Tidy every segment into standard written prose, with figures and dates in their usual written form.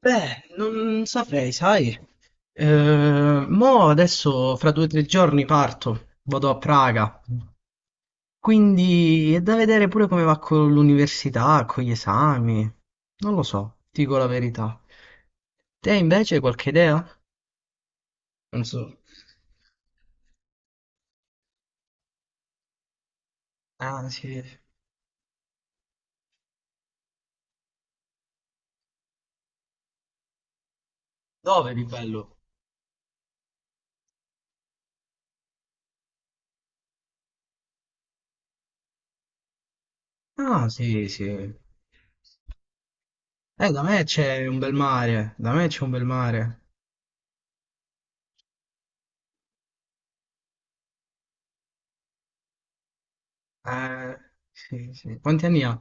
Beh, non saprei, sai. Mo adesso fra 2 o 3 giorni parto, vado a Praga. Quindi è da vedere pure come va con l'università, con gli esami. Non lo so, ti dico la verità. Te invece hai qualche idea? Non so. Ah, sì. Dove di bello? Ah, sì, sì. Da me c'è un bel mare, da me c'è un bel mare. Eh, sì, sì. Quanti anni ha?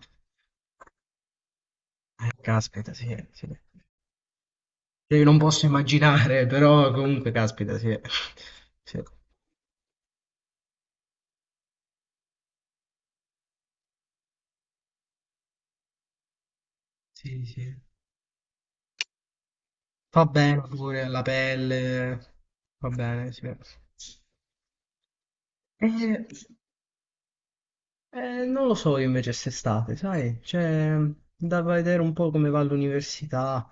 Caspita, sì, sì. Cioè, io non posso immaginare, però comunque, caspita, sì. Sì, sì, sì. Fa bene pure alla pelle, va bene, sì. Eh, non lo so io invece quest'estate, sai? Cioè, da vedere un po' come va l'università,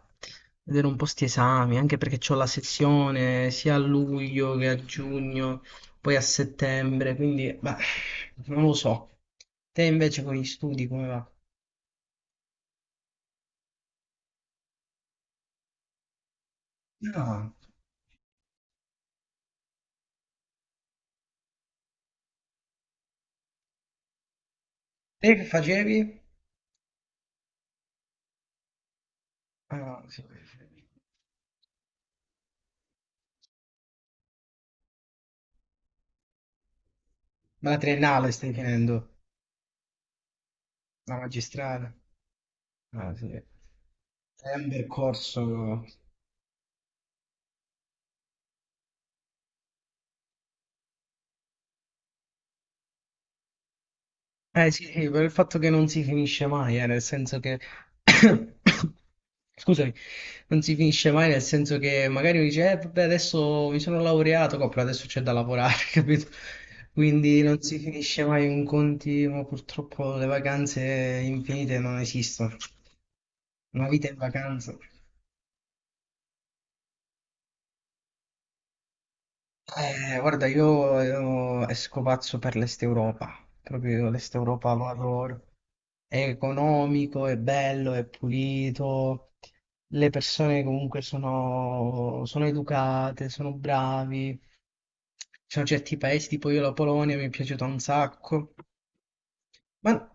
vedere un po' sti esami, anche perché c'ho la sezione sia a luglio che a giugno, poi a settembre, quindi, beh, non lo so. Te invece con gli studi come va? No. Te che facevi? Ah, sì. Ma la triennale stai finendo, la magistrale. Ah, sì. È un percorso. Eh sì, sì, per il fatto che non si finisce mai, nel senso che. Scusami, non si finisce mai, nel senso che magari mi dice, vabbè, adesso mi sono laureato, però adesso c'è da lavorare, capito? Quindi non si finisce mai un continuo, purtroppo le vacanze infinite non esistono. Una vita in vacanza. Guarda, io esco pazzo per l'Est Europa, proprio l'Est Europa lo adoro. È economico, è bello, è pulito, le persone comunque sono, sono educate, sono bravi. Ci sono certi paesi, tipo io la Polonia mi è piaciuta un sacco. Ma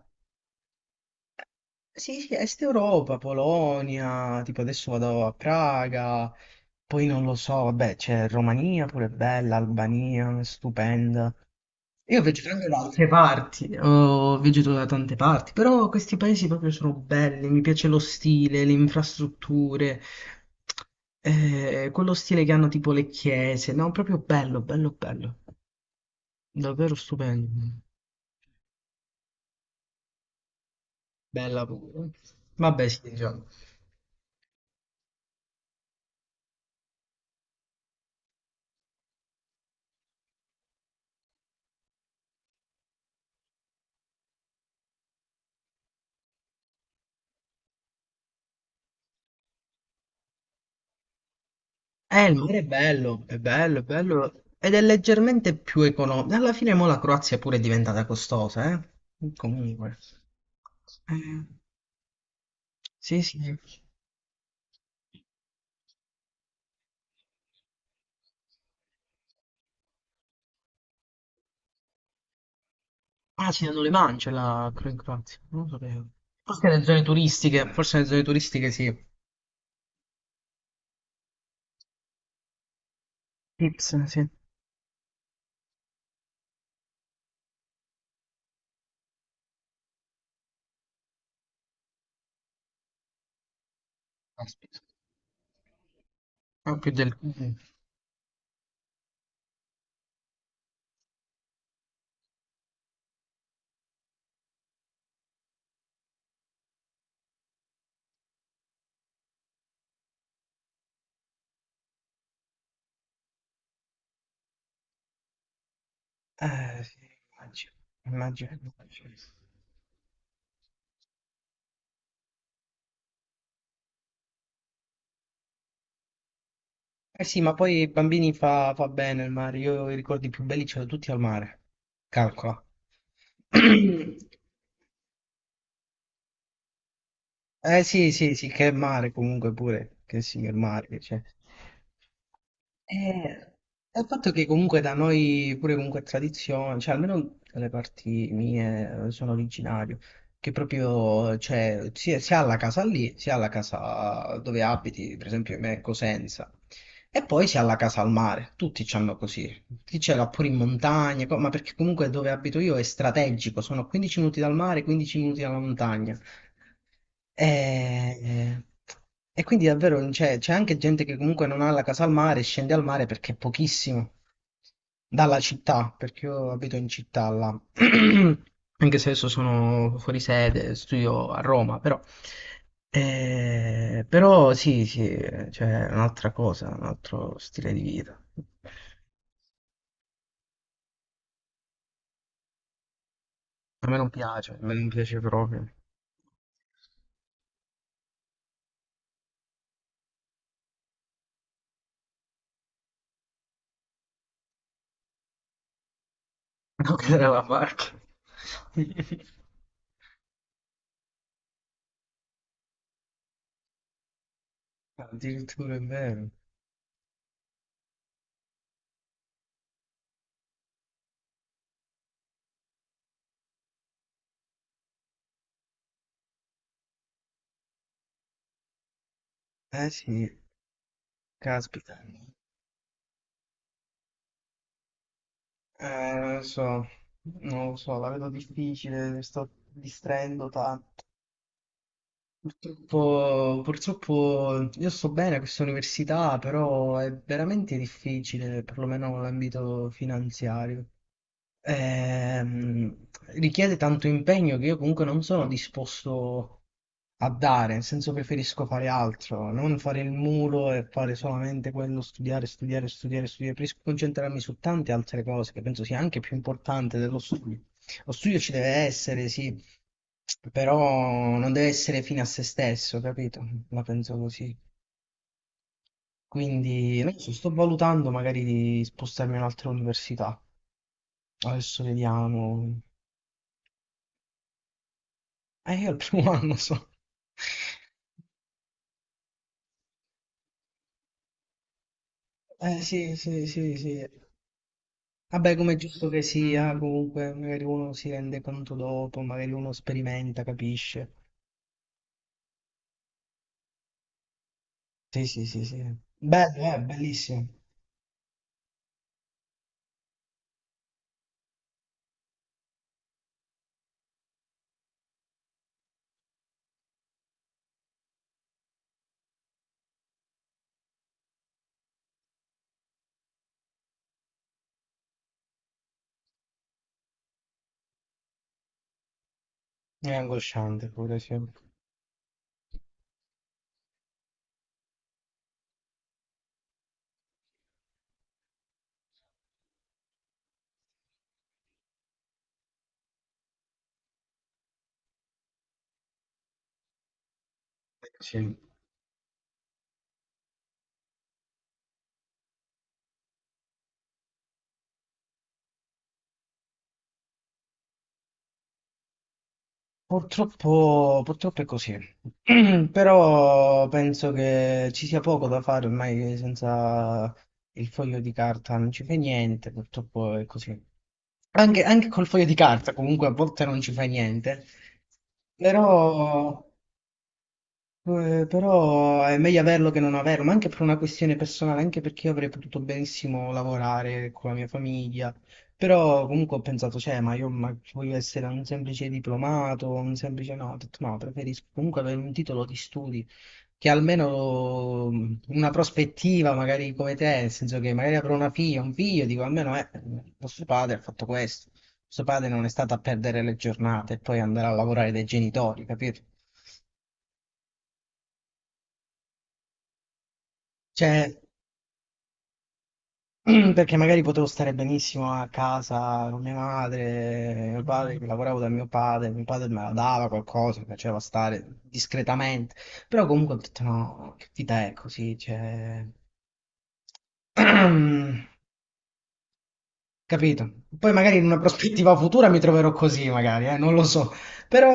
sì, sì, Est Europa, Polonia, tipo adesso vado a Praga, poi non lo so, vabbè, c'è Romania pure bella, Albania, stupenda. Io vegeto anche da altre parti, ho vegeto da tante parti, però questi paesi proprio sono belli, mi piace lo stile, le infrastrutture, quello stile che hanno tipo le chiese, no, proprio bello, bello, bello, davvero stupendo, bella pure. Vabbè, sì, diciamo. Il mare è bello, è bello, è bello, ed è leggermente più economico. Alla fine mo la Croazia pure è diventata costosa, eh? Comunque. Eh, sì, sì. Ah, sì, non le mangia la Croazia, non lo sapevo. Forse nelle zone turistiche, forse nelle zone turistiche sì. Tips, sì. Aspetta. Ah, più del... sì, immagino, immagino. Immagino. Eh sì, ma poi i bambini fa bene il mare. Io i ricordi più belli ce li ho tutti al mare. Calcola. Eh sì, sì, sì, che mare comunque pure. Che signor mare che c'è. Eh, è il fatto che comunque da noi pure comunque è tradizione, cioè almeno le parti mie sono originario, che proprio cioè, sia alla casa lì, sia alla casa dove abiti, per esempio me è Cosenza, e poi sia alla casa al mare, tutti c'hanno così, chi ce l'ha pure in montagna, ma perché comunque dove abito io è strategico, sono 15 minuti dal mare, 15 minuti dalla montagna. E, e quindi davvero cioè, c'è anche gente che comunque non ha la casa al mare, scende al mare perché è pochissimo dalla città, perché io abito in città là. Anche se adesso sono fuori sede, studio a Roma, però, però sì, sì, cioè, è un'altra cosa, un altro stile di vita. A me non piace, a me non piace proprio. Non creare la macchina. Addirittura è vero. Eh sì, caspita. Non lo so, non lo so, la vedo difficile, mi sto distraendo tanto. Purtroppo, purtroppo io sto bene a questa università, però è veramente difficile, perlomeno nell'ambito finanziario. ehm, richiede tanto impegno che io comunque non sono disposto a dare, nel senso preferisco fare altro, non fare il mulo e fare solamente quello, studiare, studiare, studiare, studiare, preferisco concentrarmi su tante altre cose che penso sia anche più importante dello studio. Lo studio ci deve essere, sì, però non deve essere fine a se stesso, capito? La penso così. Quindi, non so, sto valutando magari di spostarmi in un'altra università. Adesso vediamo. Io al primo anno so. Eh sì, sì, sì, sì. Vabbè, come è giusto che sia, comunque magari uno si rende conto dopo, magari uno sperimenta, capisce. Sì, sì, sì, sì. Bello, bellissimo. È angosciante pure, sì. Sì. Purtroppo, purtroppo è così, però penso che ci sia poco da fare ormai senza il foglio di carta, non ci fai niente, purtroppo è così. Anche, anche col foglio di carta comunque a volte non ci fai niente, però però è meglio averlo che non averlo, ma anche per una questione personale, anche perché io avrei potuto benissimo lavorare con la mia famiglia. Però comunque ho pensato, cioè, ma io ma voglio essere un semplice diplomato, un semplice no, ho detto no, preferisco comunque avere un titolo di studi che almeno una prospettiva, magari come te, nel senso che magari avrò una figlia, un figlio, dico almeno vostro padre ha fatto questo, vostro padre non è stato a perdere le giornate e poi andare a lavorare dai genitori, capito? Cioè, perché magari potevo stare benissimo a casa con mia madre, mio padre, che lavoravo da mio padre me la dava qualcosa, mi piaceva stare discretamente, però comunque ho detto no, che vita è così, cioè... Capito? Poi magari in una prospettiva futura mi troverò così, magari, non lo so, però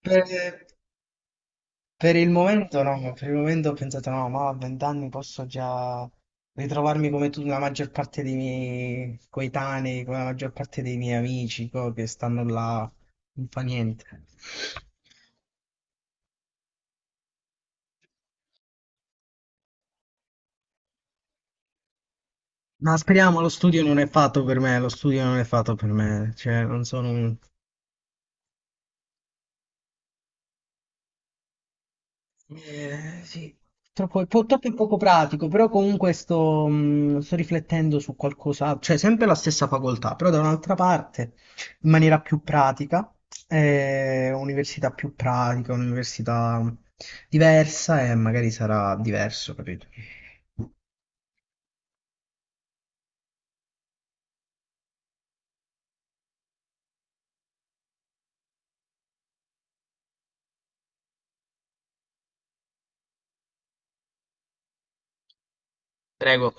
per, per il momento no, per il momento ho pensato no, ma a 20 anni posso già ritrovarmi come tu, la maggior parte dei miei coetanei, come la maggior parte dei miei amici, che stanno là, non fa niente. Ma speriamo, lo studio non è fatto per me, lo studio non è fatto per me, cioè non sono un eh, sì, troppo, troppo poco pratico, però comunque sto riflettendo su qualcosa, cioè sempre la stessa facoltà, però da un'altra parte, in maniera più pratica, università più pratica, università diversa e magari sarà diverso, capito? Prego.